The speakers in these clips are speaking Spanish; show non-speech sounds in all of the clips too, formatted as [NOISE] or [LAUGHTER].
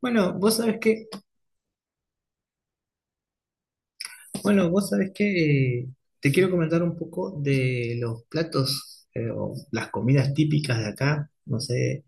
Bueno, vos sabés que, bueno, vos sabés que eh, te quiero comentar un poco de los platos o las comidas típicas de acá. No sé,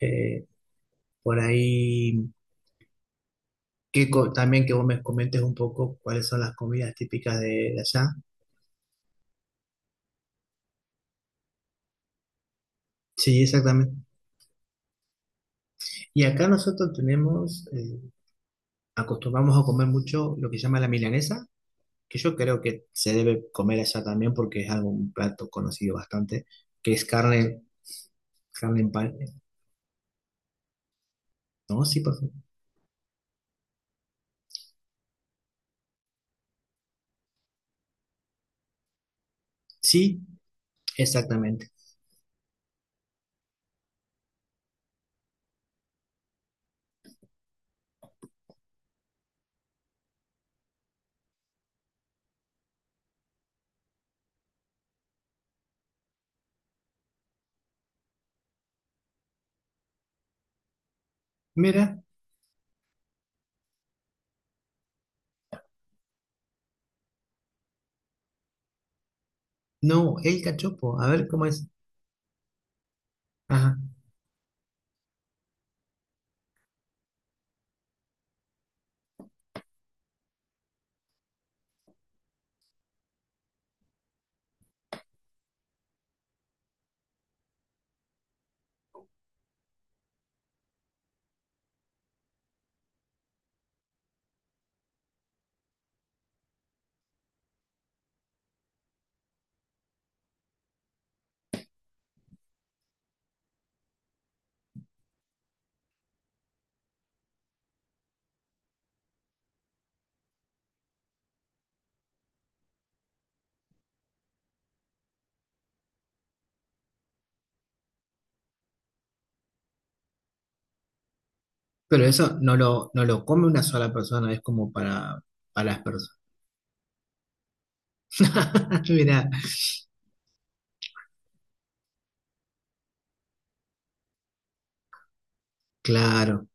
eh, por ahí también que vos me comentes un poco cuáles son las comidas típicas de allá. Sí, exactamente. Y acá nosotros tenemos, acostumbramos a comer mucho lo que se llama la milanesa, que yo creo que se debe comer allá también porque es algo, un plato conocido bastante, que es carne, carne en pan. No, sí, por favor. Sí, exactamente. Mira, no, el cachopo, a ver cómo es. Ajá. Pero eso no lo come una sola persona, es como para las personas. [LAUGHS] Mira, claro.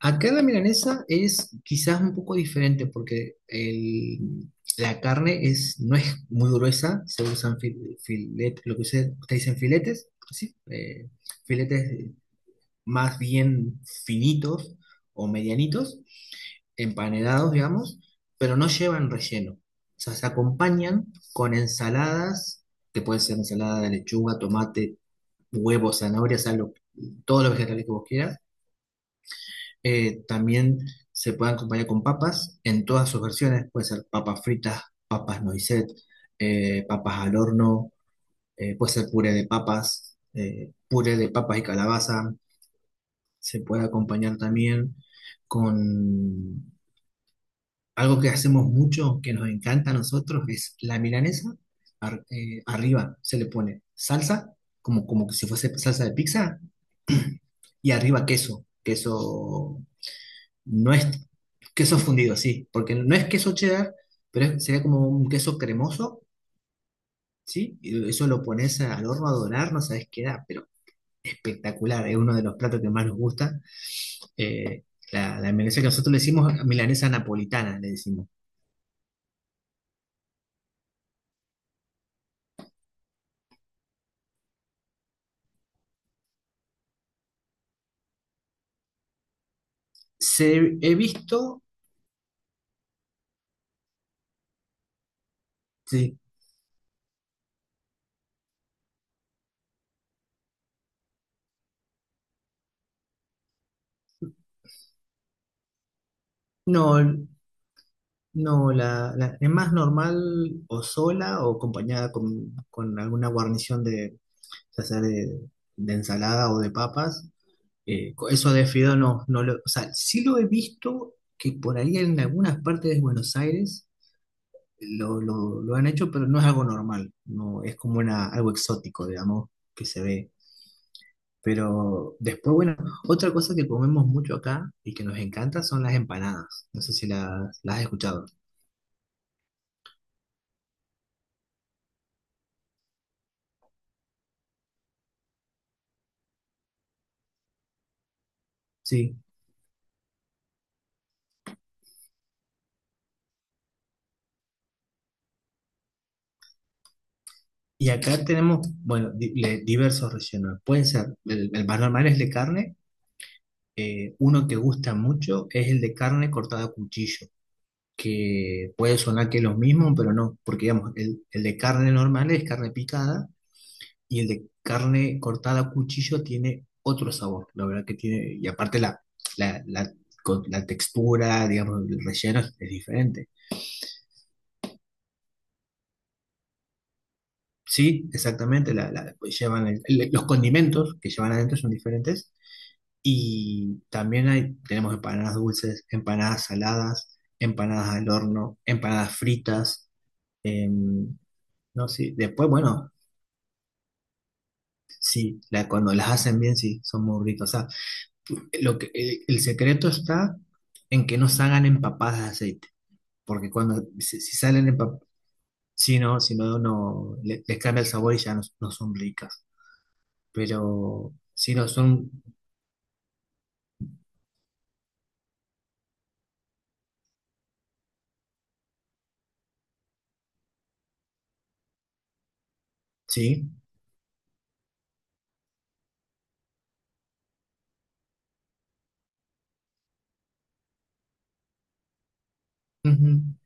Acá la milanesa es quizás un poco diferente porque la carne es, no es muy gruesa, se usan filetes, lo que ustedes dicen filetes, ¿sí? Filetes más bien finitos o medianitos. Empanedados, digamos, pero no llevan relleno. O sea, se acompañan con ensaladas, que puede ser ensalada de lechuga, tomate, huevo, zanahoria, sal, todos los vegetales que vos quieras. También se pueden acompañar con papas en todas sus versiones. Puede ser papas fritas, papas noisette, papas al horno, puede ser puré de papas y calabaza. Se puede acompañar también con algo que hacemos mucho, que nos encanta a nosotros, es la milanesa. Arriba se le pone salsa, como que si fuese salsa de pizza, [CLEARS THROAT] y arriba queso. Queso no es queso fundido, sí, porque no es queso cheddar, pero sería como un queso cremoso, ¿sí? Y eso lo pones al horno a dorar, no sabes qué da, pero espectacular. Es uno de los platos que más nos gusta. Eh, la milanesa que nosotros le decimos milanesa napolitana, le decimos. Se, he visto. Sí, no, no, es más normal o sola o acompañada con alguna guarnición de, ya sea de ensalada o de papas. Eso de fideo no, o sea, sí lo he visto que por ahí en algunas partes de Buenos Aires lo han hecho, pero no es algo normal, no, es como una, algo exótico, digamos, que se ve. Pero después, bueno, otra cosa que comemos mucho acá y que nos encanta son las empanadas. No sé si las has escuchado. Sí. Y acá tenemos, bueno, diversos rellenos. Pueden ser, el más normal es de carne. Uno que gusta mucho es el de carne cortada a cuchillo, que puede sonar que es lo mismo, pero no, porque digamos, el de carne normal es carne picada y el de carne cortada a cuchillo tiene otro sabor, la verdad que tiene, y aparte la, con la textura, digamos, el relleno es diferente. Sí, exactamente, pues llevan los condimentos que llevan adentro son diferentes. Y también hay, tenemos empanadas dulces, empanadas saladas, empanadas al horno, empanadas fritas. em, no sé, después, bueno, sí, cuando las hacen bien, sí, son muy ricas. O sea, lo que, el secreto está en que no salgan empapadas de aceite, porque cuando, si salen empapadas, si no, les cambia el sabor y ya no, no son ricas. Pero si no son, sí, ujú,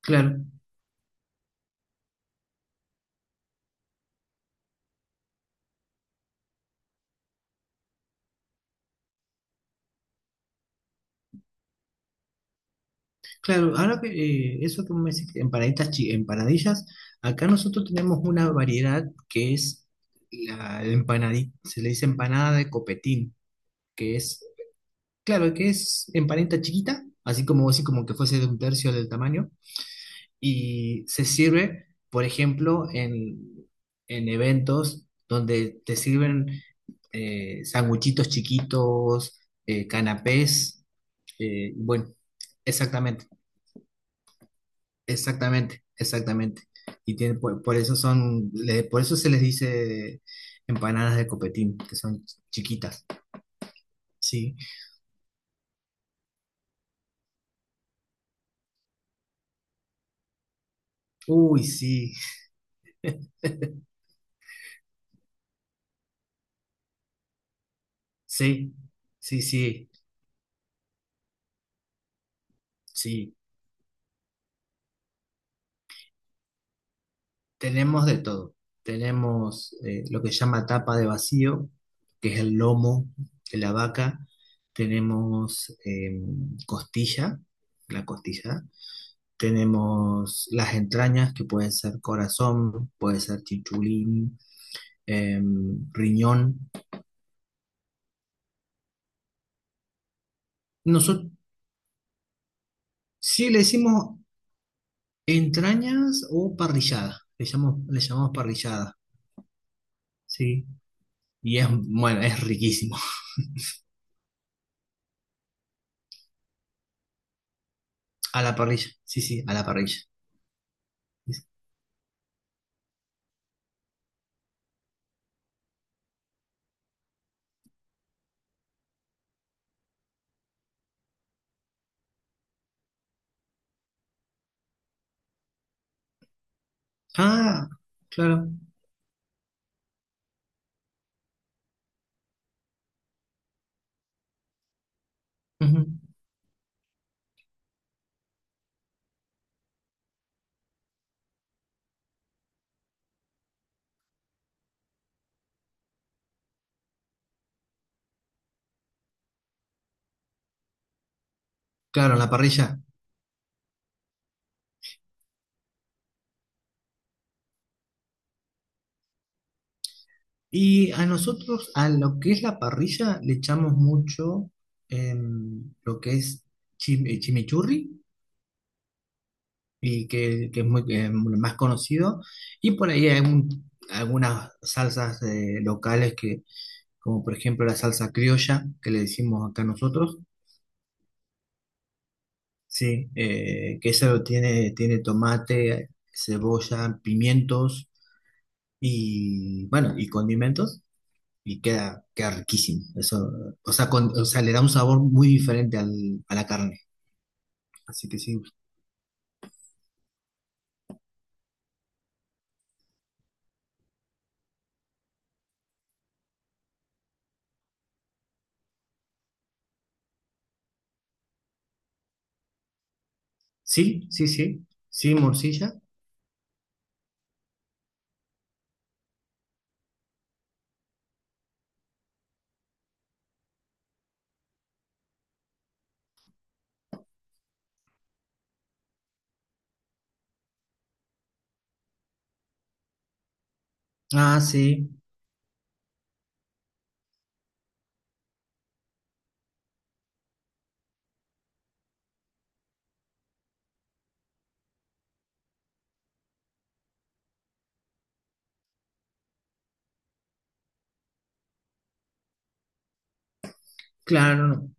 claro. Claro, ahora que eso que me decís, empanaditas, empanadillas, acá nosotros tenemos una variedad que es la empanadita, se le dice empanada de copetín, que es, claro, que es empanadita chiquita, así como que fuese de un tercio del tamaño, y se sirve, por ejemplo, en eventos donde te sirven sanguchitos chiquitos, canapés, bueno, exactamente. Exactamente, exactamente. Y tiene, por eso son, por eso se les dice empanadas de copetín, que son chiquitas, sí. Uy, sí, sí, sí, sí, sí. Tenemos de todo. Tenemos lo que se llama tapa de vacío, que es el lomo de la vaca. Tenemos costilla, la costilla. Tenemos las entrañas, que pueden ser corazón, puede ser chichulín. eh, Riñón. Nosotros sí le decimos entrañas o parrillada. Le llamamos parrillada, ¿sí? Y es, bueno, es riquísimo. A la parrilla, sí, sí, a la parrilla. Ah, claro. Ujú, claro, a la parrilla. Y a nosotros, a lo que es la parrilla, le echamos mucho lo que es chimichurri y que es muy que es más conocido. Y por ahí hay algunas salsas locales que, como por ejemplo la salsa criolla, que le decimos acá nosotros, sí, que eso tiene, tiene tomate, cebolla, pimientos y bueno, y condimentos. Y queda, queda riquísimo. Eso, o sea, o sea, le da un sabor muy diferente a la carne. Así que sí. Sí, sí, sí. Sí, morcilla. Ah, sí. Claro, no.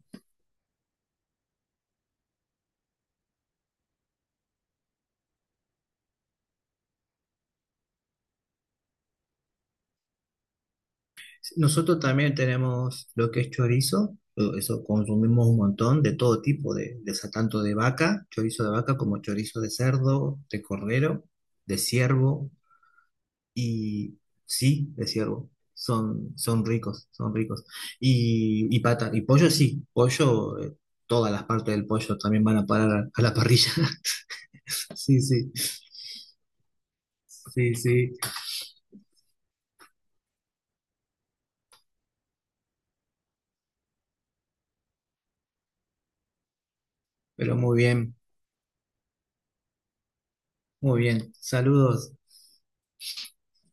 Nosotros también tenemos lo que es chorizo, eso consumimos un montón de todo tipo, de tanto de vaca, chorizo de vaca como chorizo de cerdo, de cordero, de ciervo y sí, de ciervo. Son, son ricos, son ricos. Y pata, y pollo sí, pollo, todas las partes del pollo también van a parar a la parrilla. [LAUGHS] Sí, sí, sí, sí, pero muy bien, muy bien. Saludos.